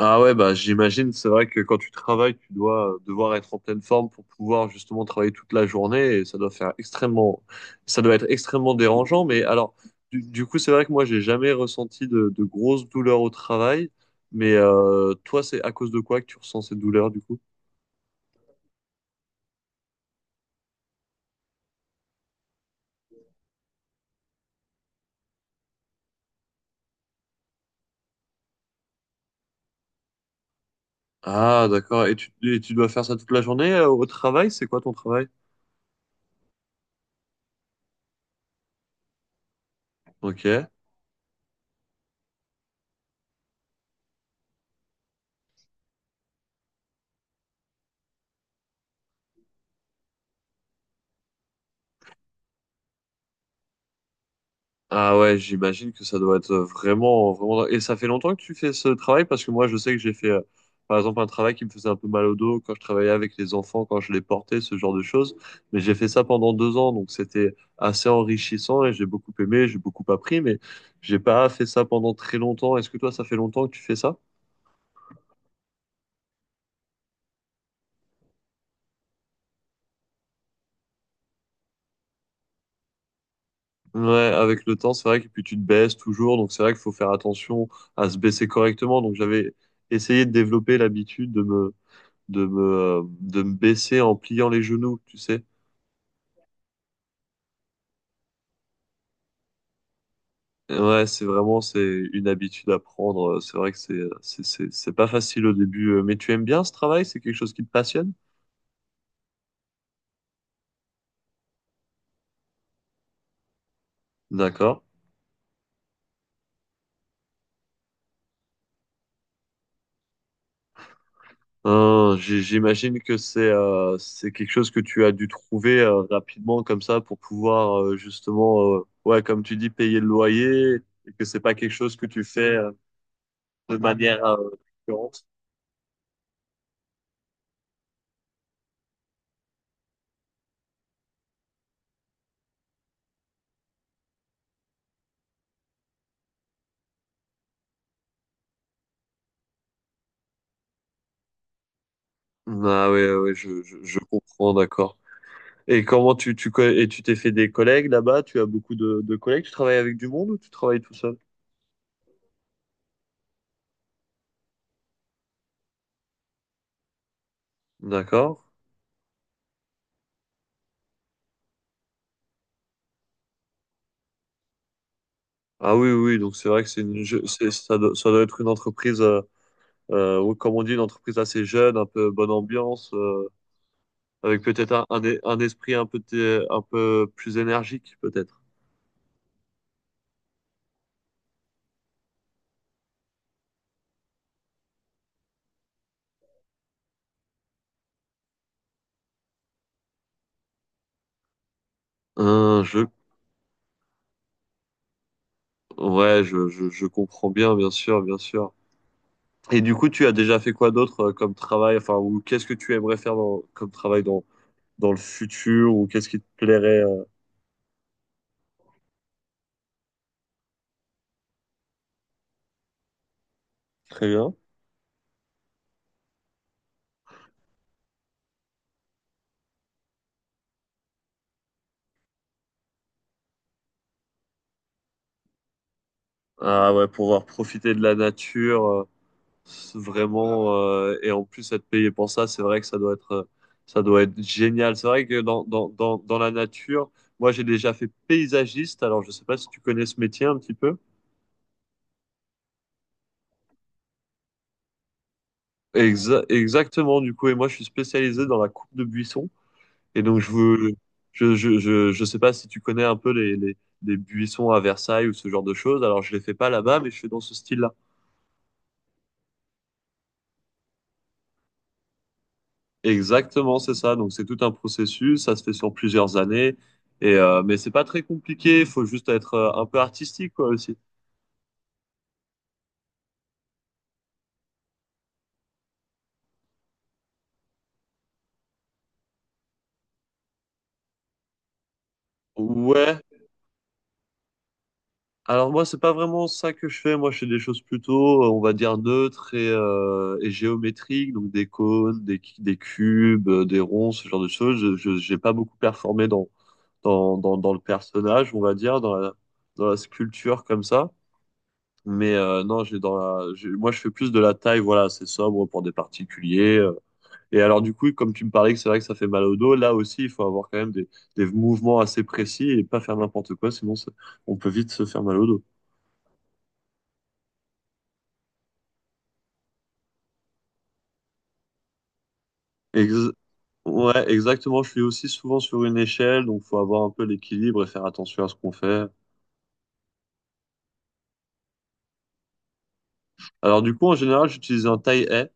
Ah ouais, bah j'imagine, c'est vrai que quand tu travailles, tu dois devoir être en pleine forme pour pouvoir justement travailler toute la journée et ça doit être extrêmement dérangeant. Mais alors, du coup, c'est vrai que moi, j'ai jamais ressenti de grosses douleurs au travail. Mais toi, c'est à cause de quoi que tu ressens ces douleurs du coup? Ah, d'accord. Et tu dois faire ça toute la journée au travail? C'est quoi ton travail? Ok. Ah ouais, j'imagine que ça doit être vraiment, vraiment. Et ça fait longtemps que tu fais ce travail parce que moi, je sais que j'ai fait, par exemple, un travail qui me faisait un peu mal au dos quand je travaillais avec les enfants, quand je les portais, ce genre de choses. Mais j'ai fait ça pendant 2 ans, donc c'était assez enrichissant et j'ai beaucoup aimé, j'ai beaucoup appris, mais j'ai pas fait ça pendant très longtemps. Est-ce que toi, ça fait longtemps que tu fais ça? Ouais, avec le temps, c'est vrai que puis tu te baisses toujours, donc c'est vrai qu'il faut faire attention à se baisser correctement. Donc j'avais essayé de développer l'habitude de me de me baisser en pliant les genoux, tu sais. Ouais, c'est une habitude à prendre. C'est vrai que c'est pas facile au début, mais tu aimes bien ce travail? C'est quelque chose qui te passionne? D'accord. J'imagine que c'est quelque chose que tu as dû trouver rapidement comme ça pour pouvoir justement, ouais, comme tu dis, payer le loyer et que c'est pas quelque chose que tu fais de manière récurrente. Ah oui, oui, je comprends, d'accord. Et comment tu, tu, co- et tu t'es fait des collègues là-bas? Tu as beaucoup de collègues? Tu travailles avec du monde ou tu travailles tout seul? D'accord. Ah oui, oui, oui, donc c'est vrai que c'est une, je- c'est, ça doit être une entreprise, ou comme on dit, une entreprise assez jeune, un peu bonne ambiance, avec peut-être un esprit un peu plus énergique, peut-être. Hein, ouais, je comprends bien, bien sûr, bien sûr. Et du coup, tu as déjà fait quoi d'autre comme travail, enfin, ou qu'est-ce que tu aimerais faire comme travail dans le futur, ou qu'est-ce qui te plairait? Très bien. Ah ouais, pouvoir profiter de la nature, et en plus être payé pour ça, c'est vrai que ça doit être génial. C'est vrai que dans la nature, moi j'ai déjà fait paysagiste, alors je sais pas si tu connais ce métier un petit peu. Exactement, du coup, et moi je suis spécialisé dans la coupe de buissons, et donc je veux, je sais pas si tu connais un peu les, les buissons à Versailles ou ce genre de choses, alors je les fais pas là-bas, mais je fais dans ce style-là. Exactement, c'est ça. Donc c'est tout un processus, ça se fait sur plusieurs années. Mais c'est pas très compliqué, il faut juste être un peu artistique quoi aussi. Ouais. Alors moi c'est pas vraiment ça que je fais. Moi je fais des choses plutôt, on va dire neutres et géométriques, donc des cônes, des, cu- des cubes, des ronds, ce genre de choses. J'ai pas beaucoup performé dans le personnage, on va dire, dans la sculpture comme ça. Mais non, j'ai dans la, j'ai- moi je fais plus de la taille, voilà, c'est sobre pour des particuliers. Et alors, du coup, comme tu me parlais que c'est vrai que ça fait mal au dos, là aussi, il faut avoir quand même des mouvements assez précis et pas faire n'importe quoi, on peut vite se faire mal au dos. Ex- ouais, exactement. Je suis aussi souvent sur une échelle, donc faut avoir un peu l'équilibre et faire attention à ce qu'on fait. Alors, du coup, en général, j'utilise un taille-haie,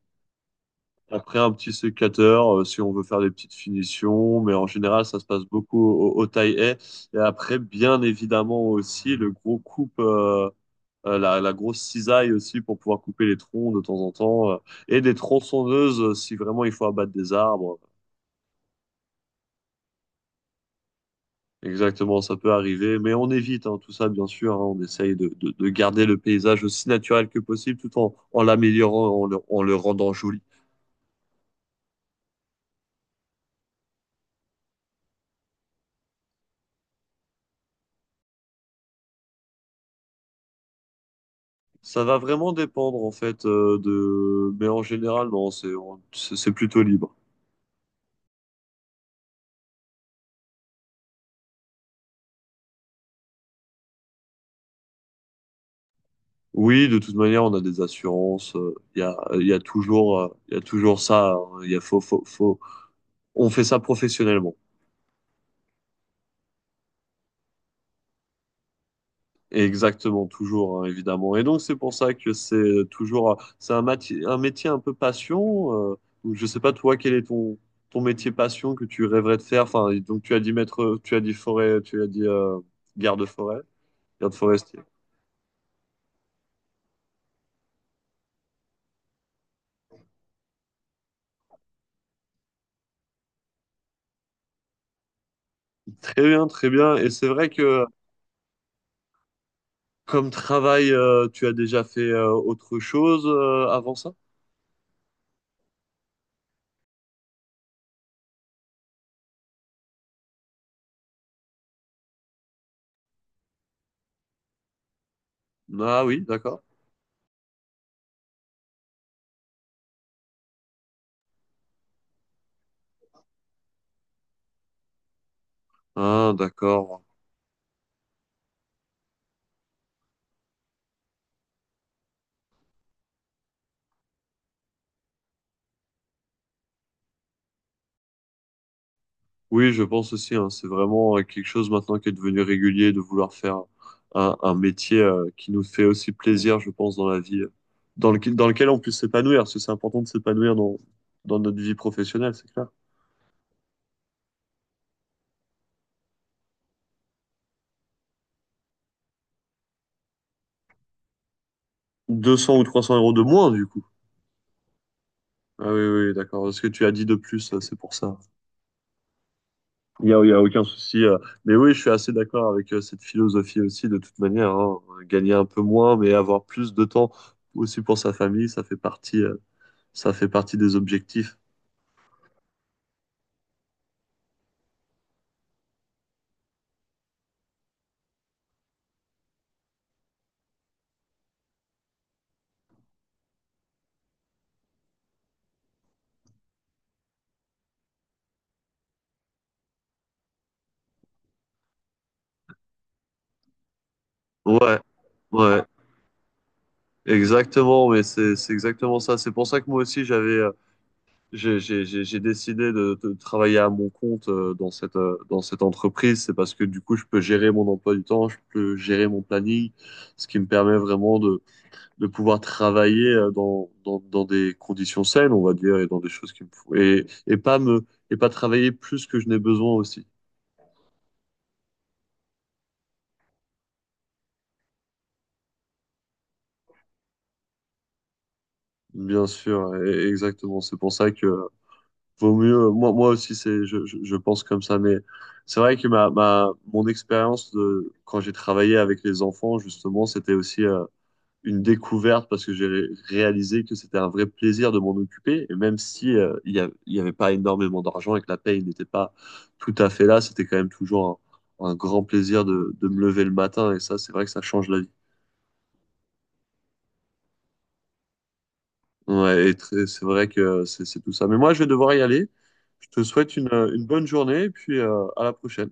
après un petit sécateur si on veut faire des petites finitions, mais en général, ça se passe beaucoup au taille-haie. Et après, bien évidemment aussi, le gros coupe. La grosse cisaille aussi pour pouvoir couper les troncs de temps en temps, et des tronçonneuses si vraiment il faut abattre des arbres. Exactement, ça peut arriver, mais on évite, hein, tout ça, bien sûr, hein. On essaye de garder le paysage aussi naturel que possible tout en l'améliorant, en le rendant joli. Ça va vraiment dépendre en fait de... Mais en général, non, c'est on- c'est c'est plutôt libre. Oui, de toute manière, on a des assurances. Il y a toujours, il y a toujours ça, hein. Il y a faut, faut, faut... On fait ça professionnellement. Exactement, toujours, hein, évidemment. Et donc, c'est pour ça que c'est un métier un peu passion. Donc, je sais pas, toi, quel est ton, ton métier passion que tu rêverais de faire? Enfin, et donc, tu as dit maître, tu as dit forêt, tu as dit garde-forêt, garde-forestier. Très bien, très bien. Et c'est vrai que comme travail, tu as déjà fait autre chose avant ça? Ah oui, d'accord. Ah, d'accord. Oui, je pense aussi, hein, c'est vraiment quelque chose maintenant qui est devenu régulier de vouloir faire un métier qui nous fait aussi plaisir, je pense, dans la vie, dans lequel on puisse s'épanouir, parce que c'est important de s'épanouir dans notre vie professionnelle, c'est clair. 200 ou 300 euros de moins, du coup. Ah oui, oui, oui, d'accord. Ce que tu as dit de plus, c'est pour ça. Il y a aucun souci. Mais oui, je suis assez d'accord avec cette philosophie aussi, de toute manière, hein. Gagner un peu moins, mais avoir plus de temps aussi pour sa famille, ça fait partie des objectifs. Ouais, ouais, exactement, mais c'est exactement ça. C'est pour ça que moi aussi j'avais j'ai décidé de travailler à mon compte dans cette entreprise. C'est parce que du coup je peux gérer mon emploi du temps, je peux gérer mon planning, ce qui me permet vraiment de pouvoir travailler dans des conditions saines, on va dire, et dans des choses qui me font et pas travailler plus que je n'ai besoin aussi. Bien sûr, exactement. C'est pour ça que Vaut mieux, moi aussi, je pense comme ça, mais c'est vrai que mon expérience de, quand j'ai travaillé avec les enfants, justement, c'était aussi une découverte parce que j'ai réalisé que c'était un vrai plaisir de m'en occuper. Et même si il y avait pas énormément d'argent et que la paye n'était pas tout à fait là, c'était quand même toujours un grand plaisir de me lever le matin. Et ça, c'est vrai que ça change la vie. Ouais, c'est vrai que c'est tout ça. Mais moi, je vais devoir y aller. Je te souhaite une bonne journée et puis à la prochaine.